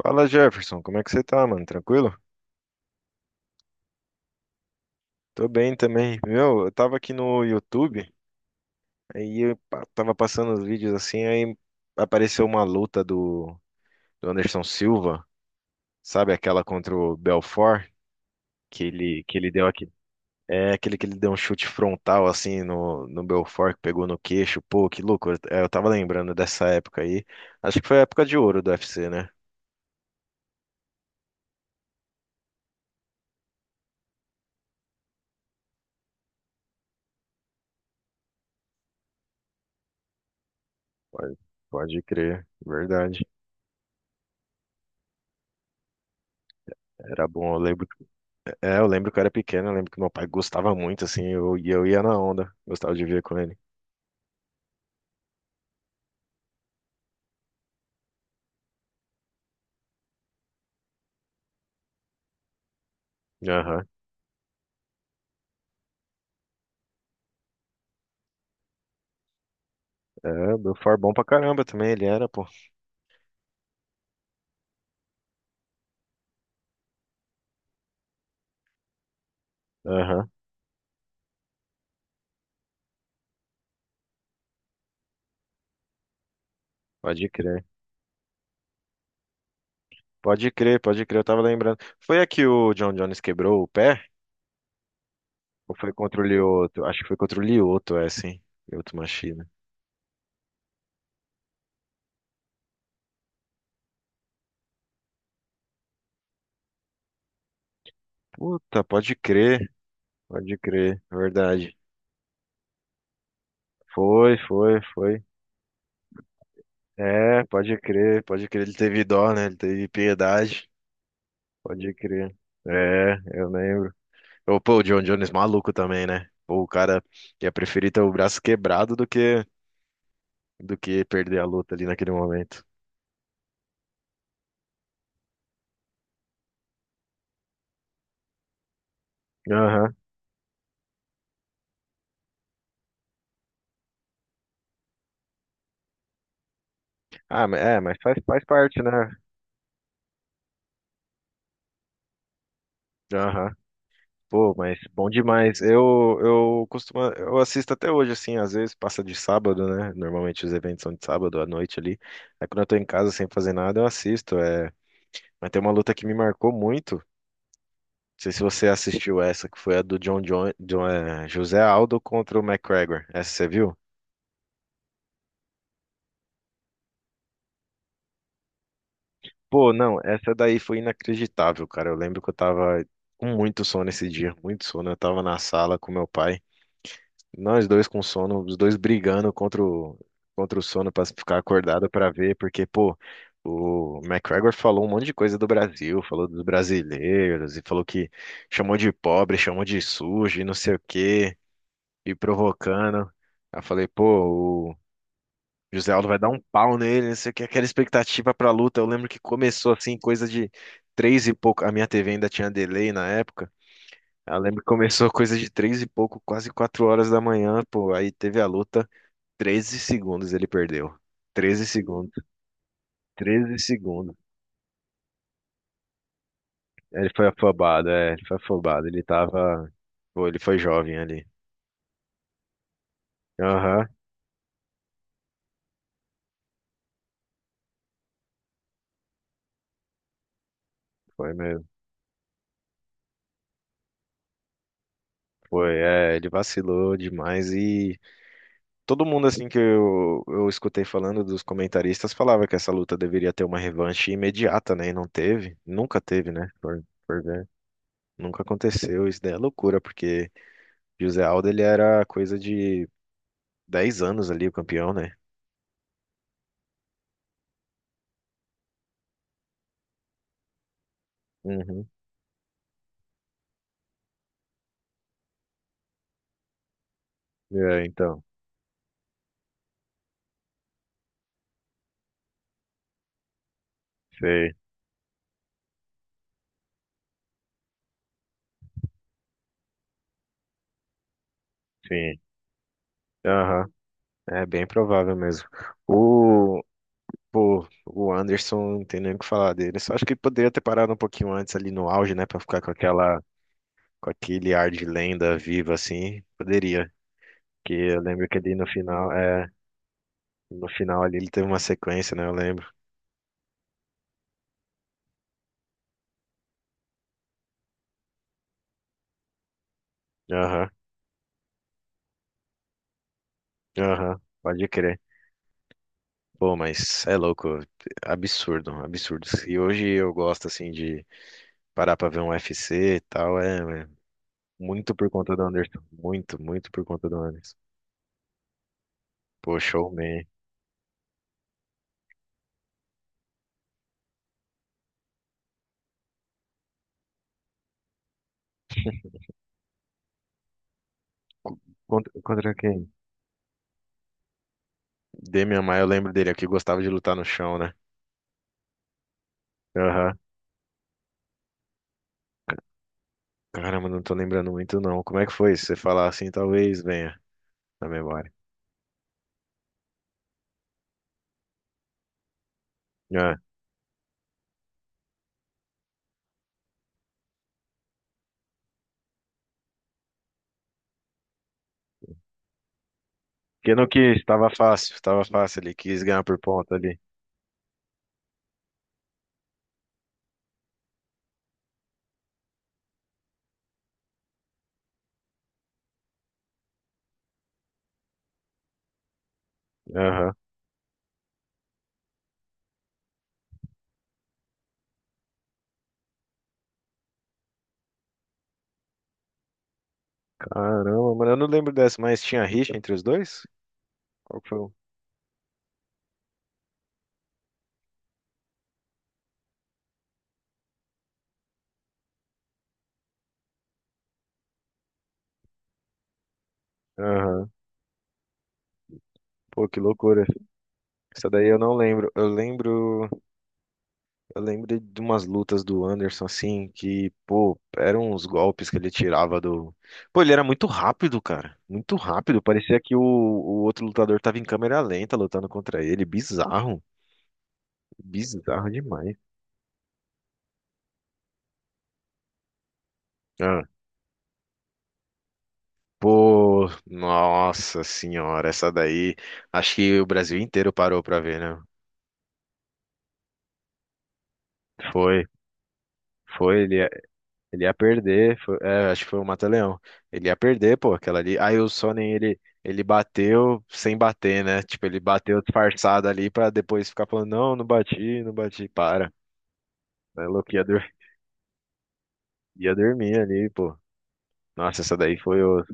Fala Jefferson, como é que você tá, mano? Tranquilo? Tô bem também. Meu, eu tava aqui no YouTube, aí tava passando os vídeos assim, aí apareceu uma luta do Anderson Silva, sabe aquela contra o Belfort, que ele deu aqui. É aquele que ele deu um chute frontal assim no Belfort, que pegou no queixo. Pô, que loucura. É, eu tava lembrando dessa época aí. Acho que foi a época de ouro do UFC, né? Pode, pode crer, verdade. Era bom, eu lembro. É, eu lembro que eu era pequeno, eu lembro que meu pai gostava muito, assim, eu ia na onda, gostava de ver com ele. Aham. É, do Far bom pra caramba também, ele era, pô. Aham, pode crer. Pode crer, eu tava lembrando. Foi aqui o John Jones quebrou o pé? Ou foi contra o Lioto? Acho que foi contra o Lioto, é, sim. Lioto machina. Puta, pode crer, verdade. Foi, foi, foi. É, pode crer, ele teve dó, né? Ele teve piedade, pode crer. É, eu lembro. Ô, pô, o John Jones maluco também, né? Pô, o cara ia preferir ter o braço quebrado do que perder a luta ali naquele momento. Aham. Ah, mas é, mas faz parte, né? Aham. Pô, mas bom demais. Eu costumo, eu assisto até hoje, assim, às vezes passa de sábado, né? Normalmente os eventos são de sábado à noite ali. Aí quando eu tô em casa sem fazer nada, eu assisto. É. Mas tem uma luta que me marcou muito. Não sei se você assistiu essa, que foi a do José Aldo contra o McGregor. Essa você viu? Pô, não, essa daí foi inacreditável, cara. Eu lembro que eu tava com muito sono esse dia, muito sono. Eu tava na sala com meu pai, nós dois com sono, os dois brigando contra o sono pra ficar acordado pra ver, porque, pô, o McGregor falou um monte de coisa do Brasil, falou dos brasileiros e falou que chamou de pobre, chamou de sujo e não sei o quê, e provocando. Aí eu falei, pô, José Aldo vai dar um pau nele, não sei o que, aquela expectativa pra luta. Eu lembro que começou assim, coisa de três e pouco. A minha TV ainda tinha delay na época. Eu lembro que começou coisa de três e pouco, quase 4 horas da manhã, pô. Aí teve a luta, 13 segundos ele perdeu. 13 segundos, 13 segundos. Ele foi afobado, é, ele foi afobado. Ele tava. Pô, ele foi jovem ali. Aham, foi mesmo. Foi, é, ele vacilou demais. E todo mundo assim que eu escutei falando dos comentaristas falava que essa luta deveria ter uma revanche imediata, né? E não teve, nunca teve, né? Por ver. Nunca aconteceu, isso daí é loucura, porque José Aldo ele era coisa de 10 anos ali, o campeão, né? Uhum. É, então, sei, sim. Aham. É bem provável mesmo. O, pô, o Anderson, não tem nem o que falar dele. Só acho que poderia ter parado um pouquinho antes ali no auge, né? Pra ficar com aquela com aquele ar de lenda viva assim, poderia. Que eu lembro que ali no final, é, no final ali ele teve uma sequência, né? Eu lembro. Aham, aham, pode crer. Pô, mas é louco, absurdo, absurdo. E hoje eu gosto assim de parar pra ver um UFC e tal, é, é muito por conta do Anderson, muito, muito por conta do Anderson. Pô, showman. Co- Contra, contra quem? Demian Maia, eu lembro dele aqui, gostava de lutar no chão, né? Aham. Caramba, não tô lembrando muito não. Como é que foi? Se você falar assim, talvez venha na memória. Ah, porque não quis, tava fácil ali, quis ganhar por ponta ali. Aham. Caramba, mano, eu não lembro dessa, mas tinha rixa entre os dois? Qual que foi? Aham. Pô, que loucura. Essa daí eu não lembro. Eu lembro, eu lembro de umas lutas do Anderson assim, que, pô, eram uns golpes que ele tirava do. Pô, ele era muito rápido, cara. Muito rápido. Parecia que o outro lutador tava em câmera lenta lutando contra ele. Bizarro. Bizarro demais. Ah, pô, nossa senhora, essa daí. Acho que o Brasil inteiro parou pra ver, né? Foi, foi, ele ia perder. É, acho que foi o Mata-Leão. Ele ia perder, pô, aquela ali. Aí o Sonnen, ele bateu sem bater, né? Tipo, ele bateu disfarçado ali pra depois ficar falando: não, não bati, não bati, para. Aí o louco ia, dor- Ia dormir ali, pô. Nossa, essa daí foi o.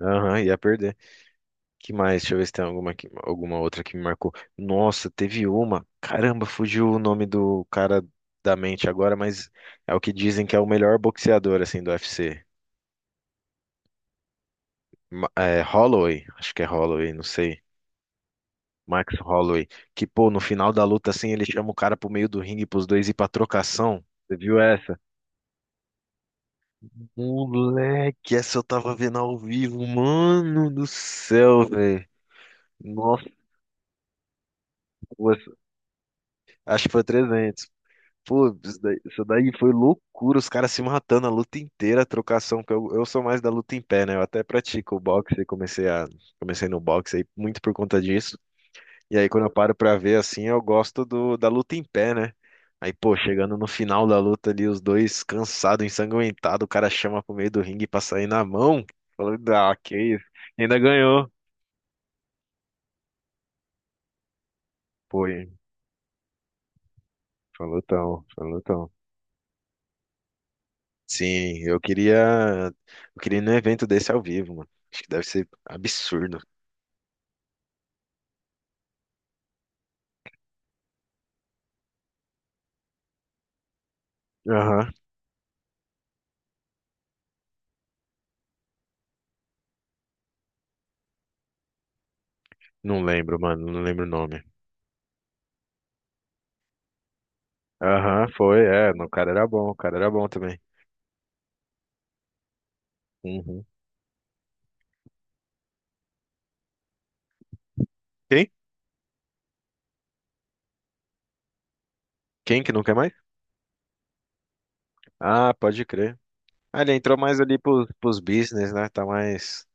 Aham, ia perder. Que mais? Deixa eu ver se tem alguma, alguma outra que me marcou. Nossa, teve uma. Caramba, fugiu o nome do cara da mente agora, mas é o que dizem que é o melhor boxeador assim do UFC. É, Holloway, acho que é Holloway, não sei. Max Holloway, que pô, no final da luta assim, ele chama o cara pro meio do ringue pros dois ir pra trocação. Você viu essa? Moleque, essa eu tava vendo ao vivo, mano do céu, velho. Nossa, essa- acho que foi 300. Pô, isso daí foi loucura, os caras se matando a luta inteira, a trocação, que eu sou mais da luta em pé, né? Eu até pratico o boxe, e comecei no boxe aí muito por conta disso. E aí quando eu paro pra ver assim, eu gosto da luta em pé, né? Aí, pô, chegando no final da luta ali, os dois cansados, ensanguentados, o cara chama pro meio do ringue pra sair na mão. Falou, ah, que isso. Ainda ganhou. Pô, e- Falou tão, falou tão. Sim, eu queria. Eu queria ir num evento desse ao vivo, mano. Acho que deve ser absurdo. Aham. Não lembro, mano. Não lembro o nome. Aham, foi, é. O cara era bom, o cara era bom também. Uhum. Quem? Quem que não quer mais? Ah, pode crer. Ah, ele entrou mais ali pros business, né?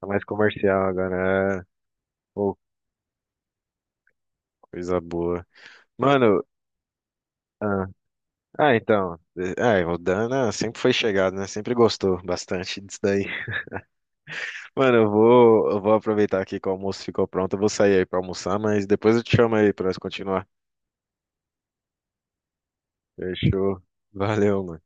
Tá mais comercial agora. É. Pô, coisa boa. Mano, ah, ah, então. Ah, o Dana sempre foi chegado, né? Sempre gostou bastante disso daí. Mano, eu vou aproveitar aqui que o almoço ficou pronto. Eu vou sair aí pra almoçar, mas depois eu te chamo aí pra nós continuar. Fechou. Valeu, mano.